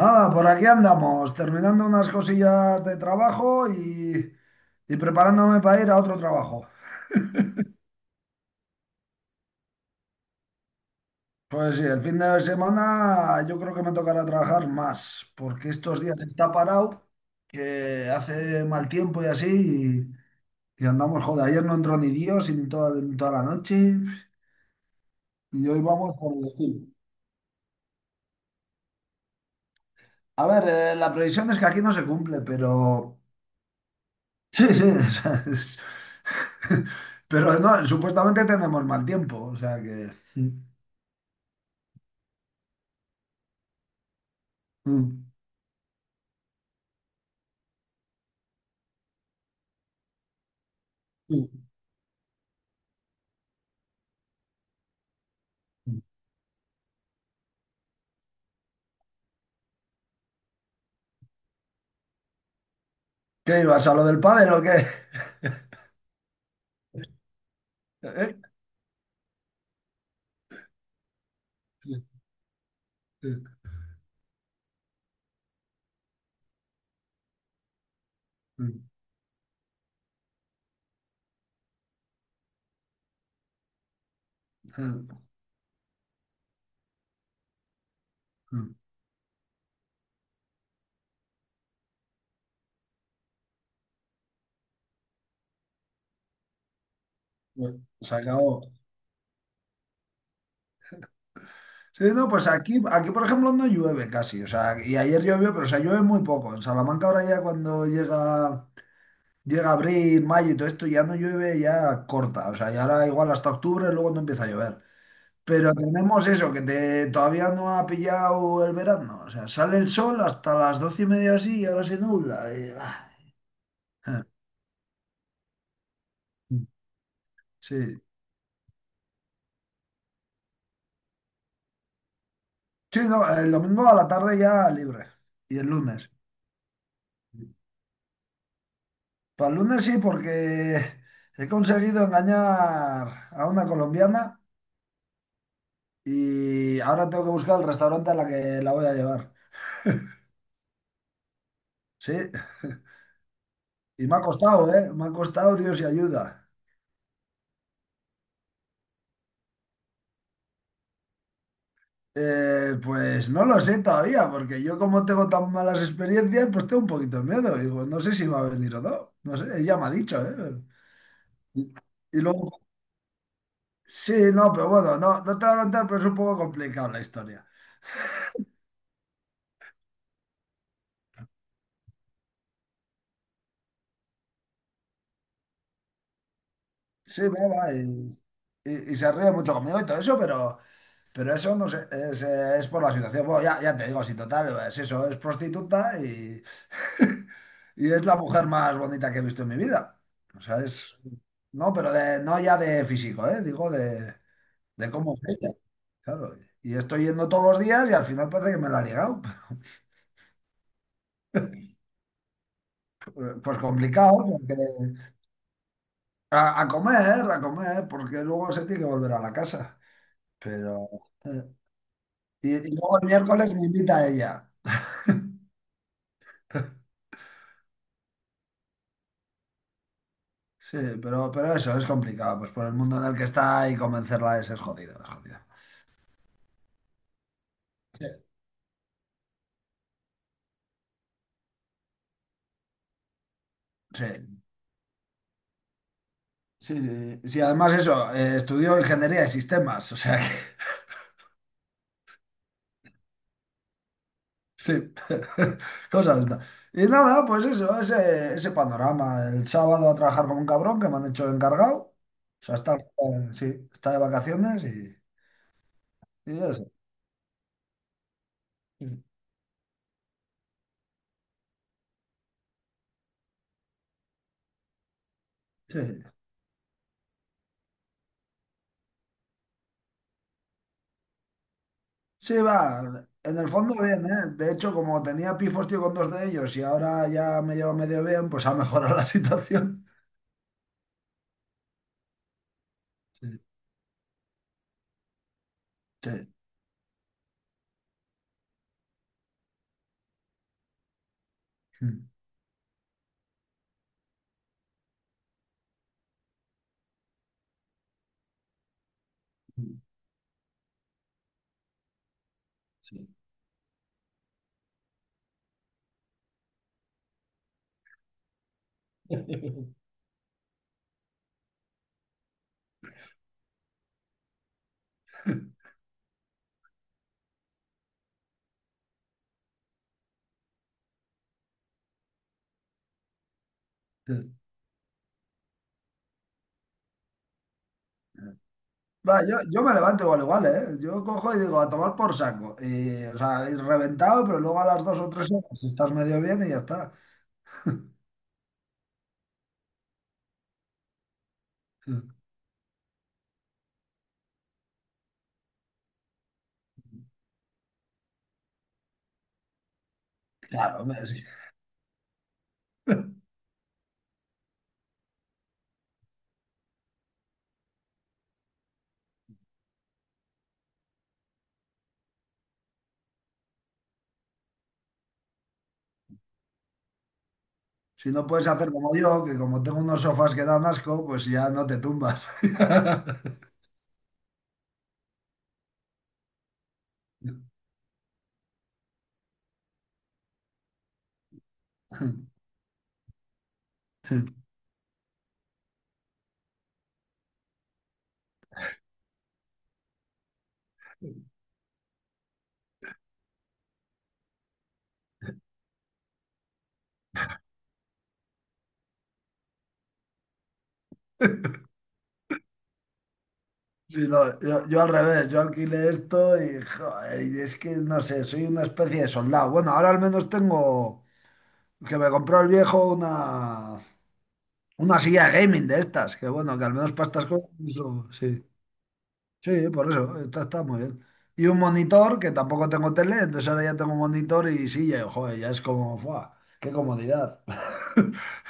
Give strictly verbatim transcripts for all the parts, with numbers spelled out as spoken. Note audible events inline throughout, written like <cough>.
Nada, por aquí andamos, terminando unas cosillas de trabajo y, y preparándome para ir a otro trabajo. Pues sí, el fin de semana yo creo que me tocará trabajar más, porque estos días está parado, que hace mal tiempo y así, y, y andamos, joder, ayer no entró ni Dios en toda, en toda la noche, y hoy vamos por el estilo. A ver, eh, la previsión es que aquí no se cumple, pero. Sí, sí, <laughs> o sea, es- pero no, supuestamente tenemos mal tiempo, o sea que. Mm. Mm. ¿Qué ibas a lo del pádel o qué? <laughs> ¿Eh? Bueno, se acabó. Sí, no, pues aquí, aquí, por ejemplo, no llueve casi. O sea, y ayer llovió, pero o sea, llueve muy poco. En Salamanca ahora ya cuando llega, llega abril, mayo y todo esto, ya no llueve, ya corta. O sea, ya ahora igual hasta octubre, luego no empieza a llover. Pero tenemos eso, que te- todavía no ha pillado el verano. O sea, sale el sol hasta las doce y media así y ahora se nubla. y, ah. ah, mm, sí, sí, no, el domingo a la tarde ya libre. Y el lunes. Para el lunes sí, porque he conseguido engañar a una colombiana y ahora tengo que buscar el restaurante a la que la voy a llevar. Sí, y me ha costado, ¿eh? Me ha costado, Dios y ayuda. Eh, pues no lo sé todavía, porque yo como tengo tan malas experiencias, pues tengo un poquito de miedo. Digo, no sé si va a venir o no. No sé, ella me ha dicho, ¿eh? Y, y luego, sí, no, pero bueno, no, no te voy a contar, pero es un poco complicado la historia. Sí, no, va, y, y- y se ríe mucho conmigo y todo eso, pero, pero eso no sé, es, eh, es por la situación. Bueno, ya, ya te digo, si total, es eso, es prostituta y, <laughs> y es la mujer más bonita que he visto en mi vida. O sea, es, no, pero de, no ya de físico, ¿eh? Digo de, de cómo es ella, claro. Y estoy yendo todos los días y al final parece que me la ha ligado. <laughs> Pues complicado, porque a, a comer, a comer, porque luego se tiene que volver a la casa. Pero... eh, Y, y luego el miércoles me invita a ella. Sí, pero, pero eso es complicado, pues por el mundo en el que está y convencerla es, es jodido, es jodido. Sí, sí, sí, sí, sí, además eso, eh, estudió ingeniería de sistemas, o sea que. <laughs> Sí, <laughs> cosas. da- Y nada, pues eso, ese, ese panorama. El sábado a trabajar con un cabrón que me han hecho encargado. O sea, está, eh, sí, está de vacaciones y, y eso. Sí. Sí. Sí, va, en el fondo bien, ¿eh? De hecho, como tenía pifos, tío, con dos de ellos y ahora ya me lleva medio bien, pues ha mejorado la <laughs> situación. Sí, sí. Mm, sí, sí. Va, yo, yo me levanto igual, igual, ¿eh? Yo cojo y digo, a tomar por saco. Y, o sea, y reventado, pero luego a las dos o tres horas estás medio bien y ya está. Sí. Claro, hombre, sí. <laughs> Si no puedes hacer como yo, que como tengo unos sofás que dan asco, pues ya no te tumbas. <laughs> Sí, no, yo, yo al revés, yo alquilé esto y, joder, y es que no sé, soy una especie de soldado. Bueno, ahora al menos tengo que me compró el viejo una, una silla de gaming de estas, que bueno, que al menos para estas cosas uso, sí. Sí, por eso, está, está muy bien. Y un monitor, que tampoco tengo tele, entonces ahora ya tengo monitor y silla, y, joder, ya es como, ¡buah! ¡Qué comodidad! <laughs>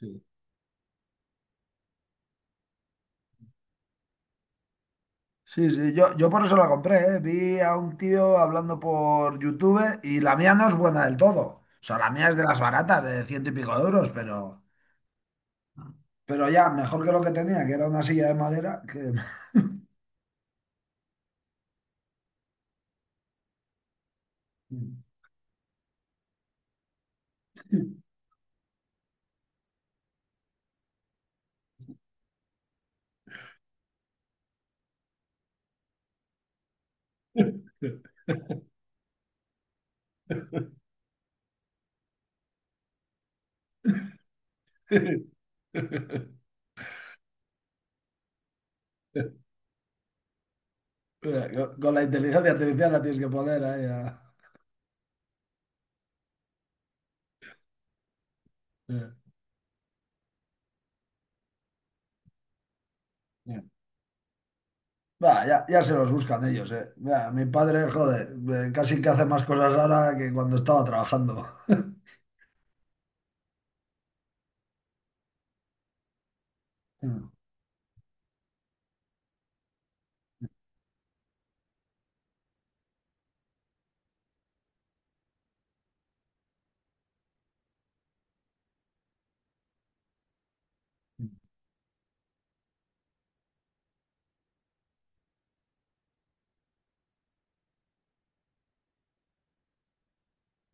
Sí. Sí, sí, yo, yo por eso la compré, ¿eh? Vi a un tío hablando por YouTube y la mía no es buena del todo. O sea, la mía es de las baratas, de ciento y pico de euros, pero, pero ya, mejor que lo que tenía, que era una silla de madera, que. <laughs> Mira, Con, con la inteligencia artificial la tienes que poner ahí. a- Ya. Va, ya, ya se los buscan ellos, eh. Mira, mi padre, joder, eh, casi que hace más cosas ahora que cuando estaba trabajando.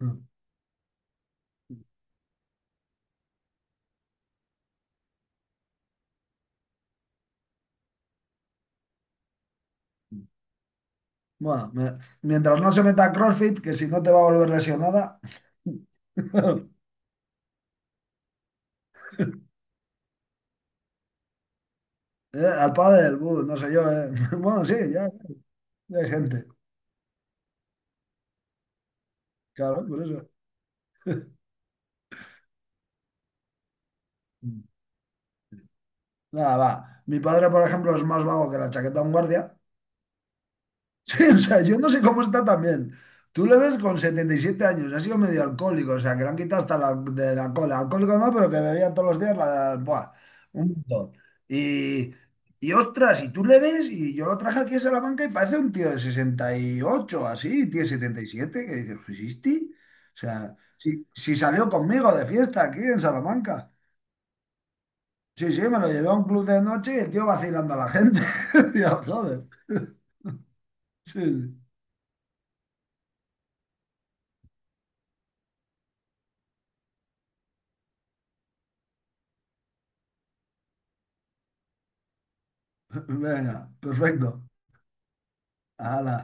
<laughs> Bueno, me- mientras no se meta a CrossFit, que si no te va a volver lesionada. <laughs> Eh, al pádel, buh, no sé yo, eh. <laughs> Bueno, sí, ya, ya hay gente, claro, por eso. Nada, va. Mi padre, por ejemplo, es más vago que la chaqueta de un guardia. Sí, o sea, yo no sé cómo está también. Tú le ves con setenta y siete años, ha sido medio alcohólico, o sea, que le han quitado hasta la, de la cola. Alcohólico no, pero que bebía todos los días la, buah, un montón. Y, y ostras, y tú le ves, y yo lo traje aquí a Salamanca y parece un tío de sesenta y ocho así, tío de setenta y siete que dices, ¿fusisti? O sea, si, si salió conmigo de fiesta aquí en Salamanca. Sí, sí, me lo llevé a un club de noche y el tío vacilando a la gente. <laughs> Digo, joder. Sí, sí. Venga, perfecto. Ala,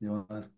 llevar.